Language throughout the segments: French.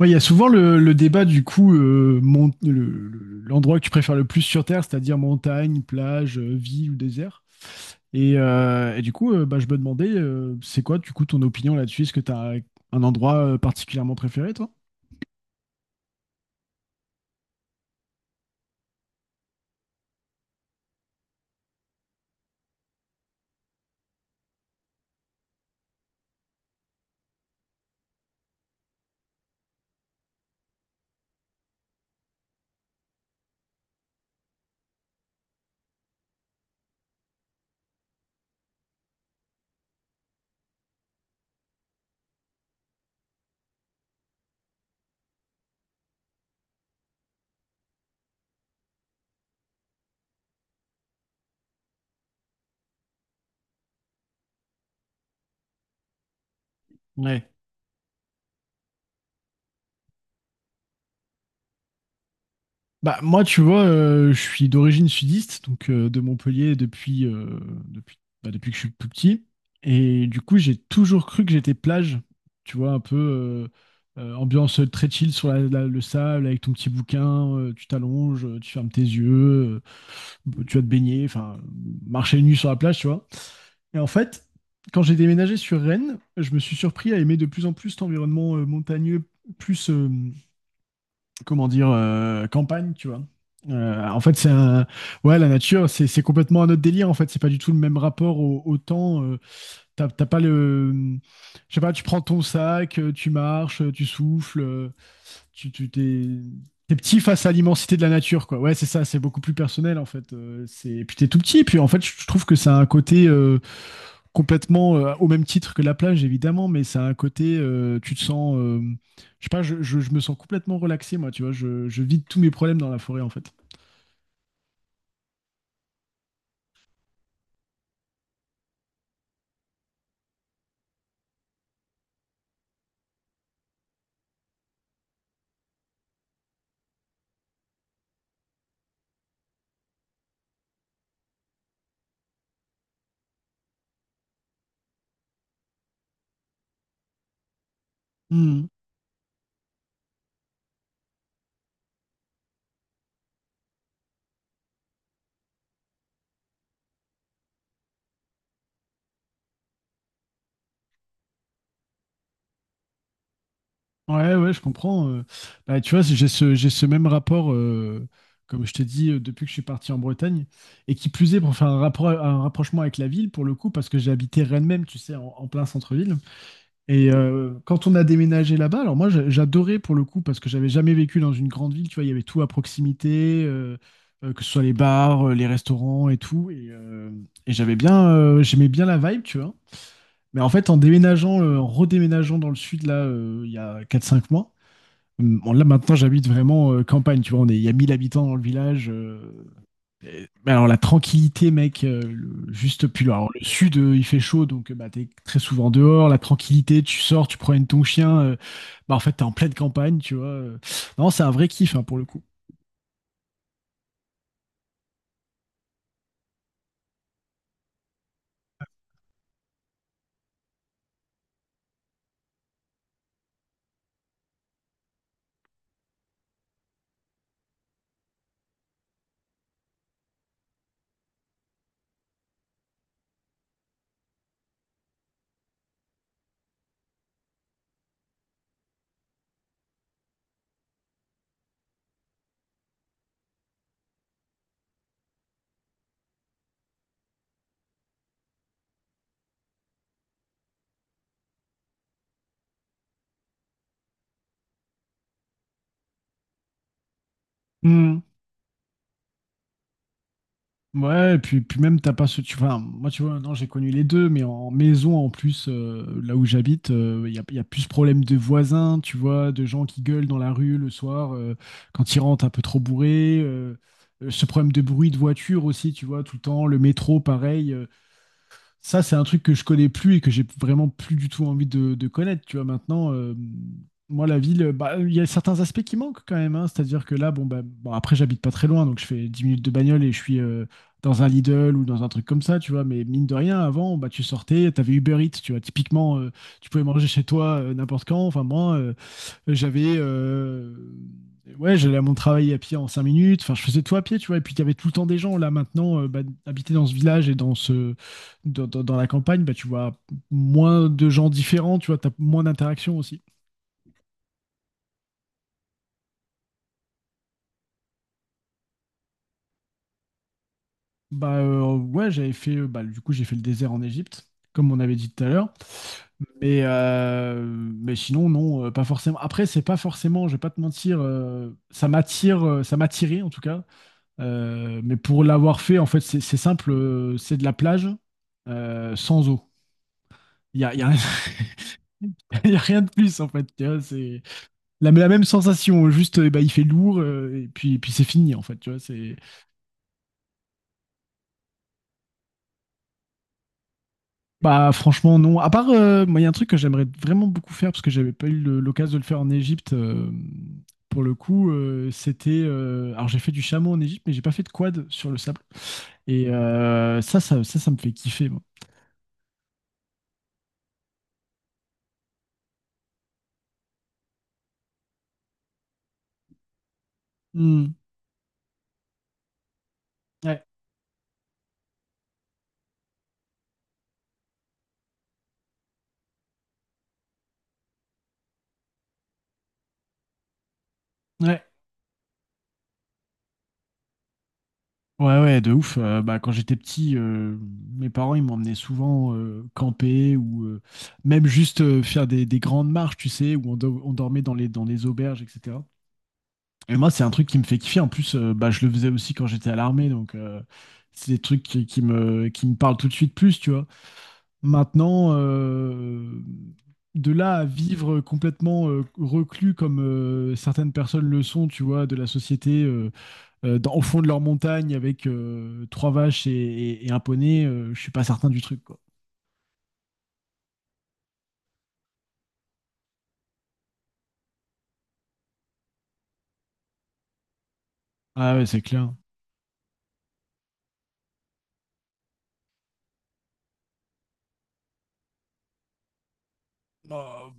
Ouais, il y a souvent le débat du coup, l'endroit que tu préfères le plus sur Terre, c'est-à-dire montagne, plage, ville ou désert. Et du coup, bah, je me demandais, c'est quoi du coup ton opinion là-dessus? Est-ce que tu as un endroit particulièrement préféré, toi? Bah, moi, tu vois, je suis d'origine sudiste, donc de Montpellier depuis, bah, depuis que je suis tout petit. Et du coup, j'ai toujours cru que j'étais plage. Tu vois, un peu ambiance très chill sur le sable, avec ton petit bouquin, tu t'allonges, tu fermes tes yeux, tu vas te baigner, enfin, marcher nu sur la plage, tu vois. Et en fait, quand j'ai déménagé sur Rennes, je me suis surpris à aimer de plus en plus cet environnement montagneux, plus. Comment dire, campagne, tu vois. En fait, ouais, la nature, c'est complètement un autre délire. En fait, c'est pas du tout le même rapport au temps. T'as pas le, je sais pas, tu prends ton sac, tu marches, tu souffles, tu tu- t'es t'es petit face à l'immensité de la nature, quoi. Ouais, c'est ça. C'est beaucoup plus personnel, en fait. C'est puis t'es tout petit. Puis en fait, je trouve que ça a un côté complètement au même titre que la plage, évidemment, mais ça a un côté, tu te sens, je sais pas, je me sens complètement relaxé, moi, tu vois, je vide tous mes problèmes dans la forêt, en fait. Hmm. Ouais, ouais, je comprends. Bah, tu vois, j'ai ce même rapport, comme je t'ai dit, depuis que je suis parti en Bretagne, et qui plus est, pour faire un rapprochement avec la ville, pour le coup, parce que j'ai habité Rennes même, tu sais, en plein centre-ville. Et quand on a déménagé là-bas, alors moi j'adorais pour le coup parce que j'avais jamais vécu dans une grande ville, tu vois, il y avait tout à proximité, que ce soit les bars, les restaurants et tout. Et j'avais bien, j'aimais bien la vibe, tu vois. Mais en fait, en déménageant, en redéménageant dans le sud, là, il y a 4 5 mois, bon, là maintenant j'habite vraiment campagne, tu vois, il y a 1000 habitants dans le village. Mais alors la tranquillité, mec, juste puis alors, le sud, il fait chaud, donc bah, t'es très souvent dehors. La tranquillité, tu sors, tu promènes ton chien, bah en fait t'es en pleine campagne, tu vois. Non, c'est un vrai kiff hein, pour le coup. Hmm. Ouais, puis même, t'as pas ce. Tu, enfin, moi, tu vois, non, j'ai connu les deux, mais en maison, en plus, là où j'habite, y a plus ce problème de voisins, tu vois, de gens qui gueulent dans la rue le soir quand ils rentrent un peu trop bourrés. Ce problème de bruit de voiture aussi, tu vois, tout le temps, le métro, pareil. Ça, c'est un truc que je connais plus et que j'ai vraiment plus du tout envie de connaître. Tu vois, maintenant, moi, la ville, bah, il y a certains aspects qui manquent quand même. Hein. C'est-à-dire que là, bon, bah, bon, après, j'habite pas très loin, donc je fais 10 minutes de bagnole et je suis dans un Lidl ou dans un truc comme ça, tu vois. Mais mine de rien, avant, bah, tu sortais, t'avais Uber Eats, tu vois. Typiquement, tu pouvais manger chez toi n'importe quand. Enfin, moi, j'avais. Ouais, j'allais à mon travail à pied en 5 minutes. Enfin, je faisais tout à pied, tu vois. Et puis, il y avait tout le temps des gens. Là, maintenant, bah, habiter dans ce village et dans dans la campagne, bah, tu vois moins de gens différents, tu vois. T'as moins d'interactions aussi. Bah, ouais, j'avais fait. Bah, du coup, j'ai fait le désert en Égypte, comme on avait dit tout à l'heure. Mais sinon, non, pas forcément. Après, c'est pas forcément, je vais pas te mentir, ça m'attire, ça m'attirait en tout cas. Mais pour l'avoir fait, en fait, c'est simple, c'est de la plage sans eau. Il y a- il y a rien de plus, en fait. Tu vois, c'est la même sensation, juste eh ben, il fait lourd et puis c'est fini, en fait. Tu vois, c'est... Bah, franchement, non. À part, moi, il y a un truc que j'aimerais vraiment beaucoup faire parce que j'avais pas eu l'occasion de le faire en Égypte. Pour le coup, c'était. Alors, j'ai fait du chameau en Égypte, mais j'ai pas fait de quad sur le sable. Et ça me fait kiffer, moi. Hmm. Ouais. Ouais. Ouais, ouais, de ouf. Bah, quand j'étais petit, mes parents, ils m'emmenaient souvent camper ou même juste faire des grandes marches, tu sais, où on dormait dans les auberges, etc. Et moi, c'est un truc qui me fait kiffer. En plus, bah, je le faisais aussi quand j'étais à l'armée, donc c'est des trucs qui me parlent tout de suite plus, tu vois. Maintenant, de là à vivre complètement reclus comme certaines personnes le sont, tu vois, de la société. Au fond de leur montagne avec trois vaches et un poney, je suis pas certain du truc, quoi. Ah ouais, c'est clair. Oh,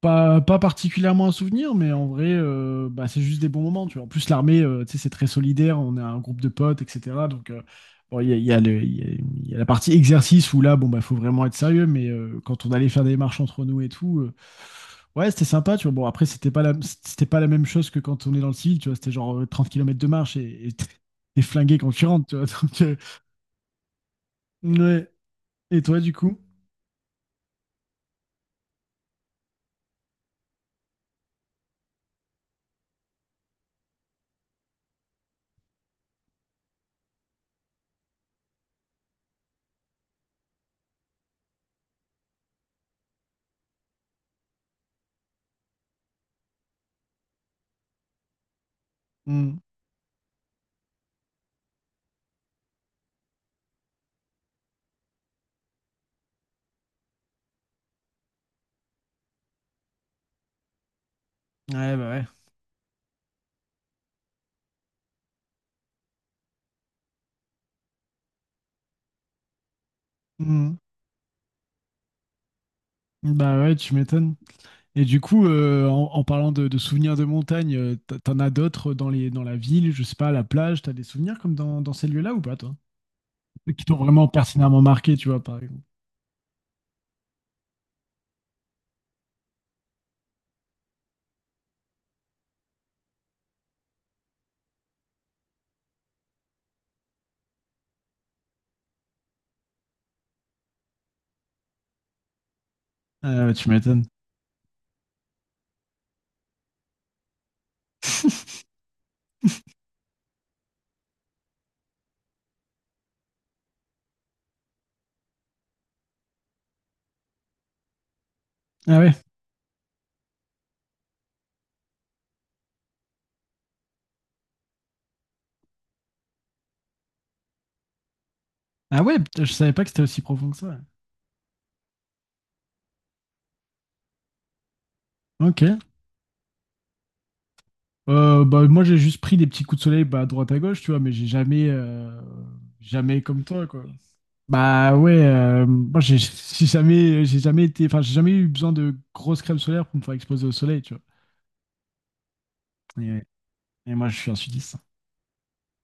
pas, pas particulièrement un souvenir, mais en vrai, bah, c'est juste des bons moments. Tu vois. En plus, l'armée, tu sais, c'est très solidaire, on a un groupe de potes, etc. Donc, bon, il y a le- il y a la partie exercice où là, bon, bah, faut vraiment être sérieux, mais quand on allait faire des marches entre nous et tout, ouais, c'était sympa. Tu vois. Bon, après, c'était pas la même chose que quand on est dans le civil, tu vois. C'était genre 30 km de marche et t'es flingué quand tu rentres, tu vois. Donc, ouais. Et toi, du coup? Hmm. Ouais, bah ouais. Hmm. Bah ouais, tu m'étonnes. Et du coup, en parlant de souvenirs de montagne, t'en as d'autres dans les, dans la ville, je sais pas, à la plage, t'as des souvenirs comme dans, dans ces lieux-là ou pas, toi? Qui t'ont vraiment pertinemment marqué, tu vois, par exemple. Ah ouais, tu m'étonnes. Ah ouais. Ah ouais, putain, je savais pas que c'était aussi profond que ça. Ok. Bah, moi, j'ai juste pris des petits coups de soleil bah, à droite à gauche, tu vois, mais j'ai jamais, jamais comme toi, quoi. Bah ouais, moi, j'ai jamais été, enfin, j'ai jamais eu besoin de grosses crèmes solaires pour me faire exploser au soleil, tu vois. Et moi, je suis un sudiste.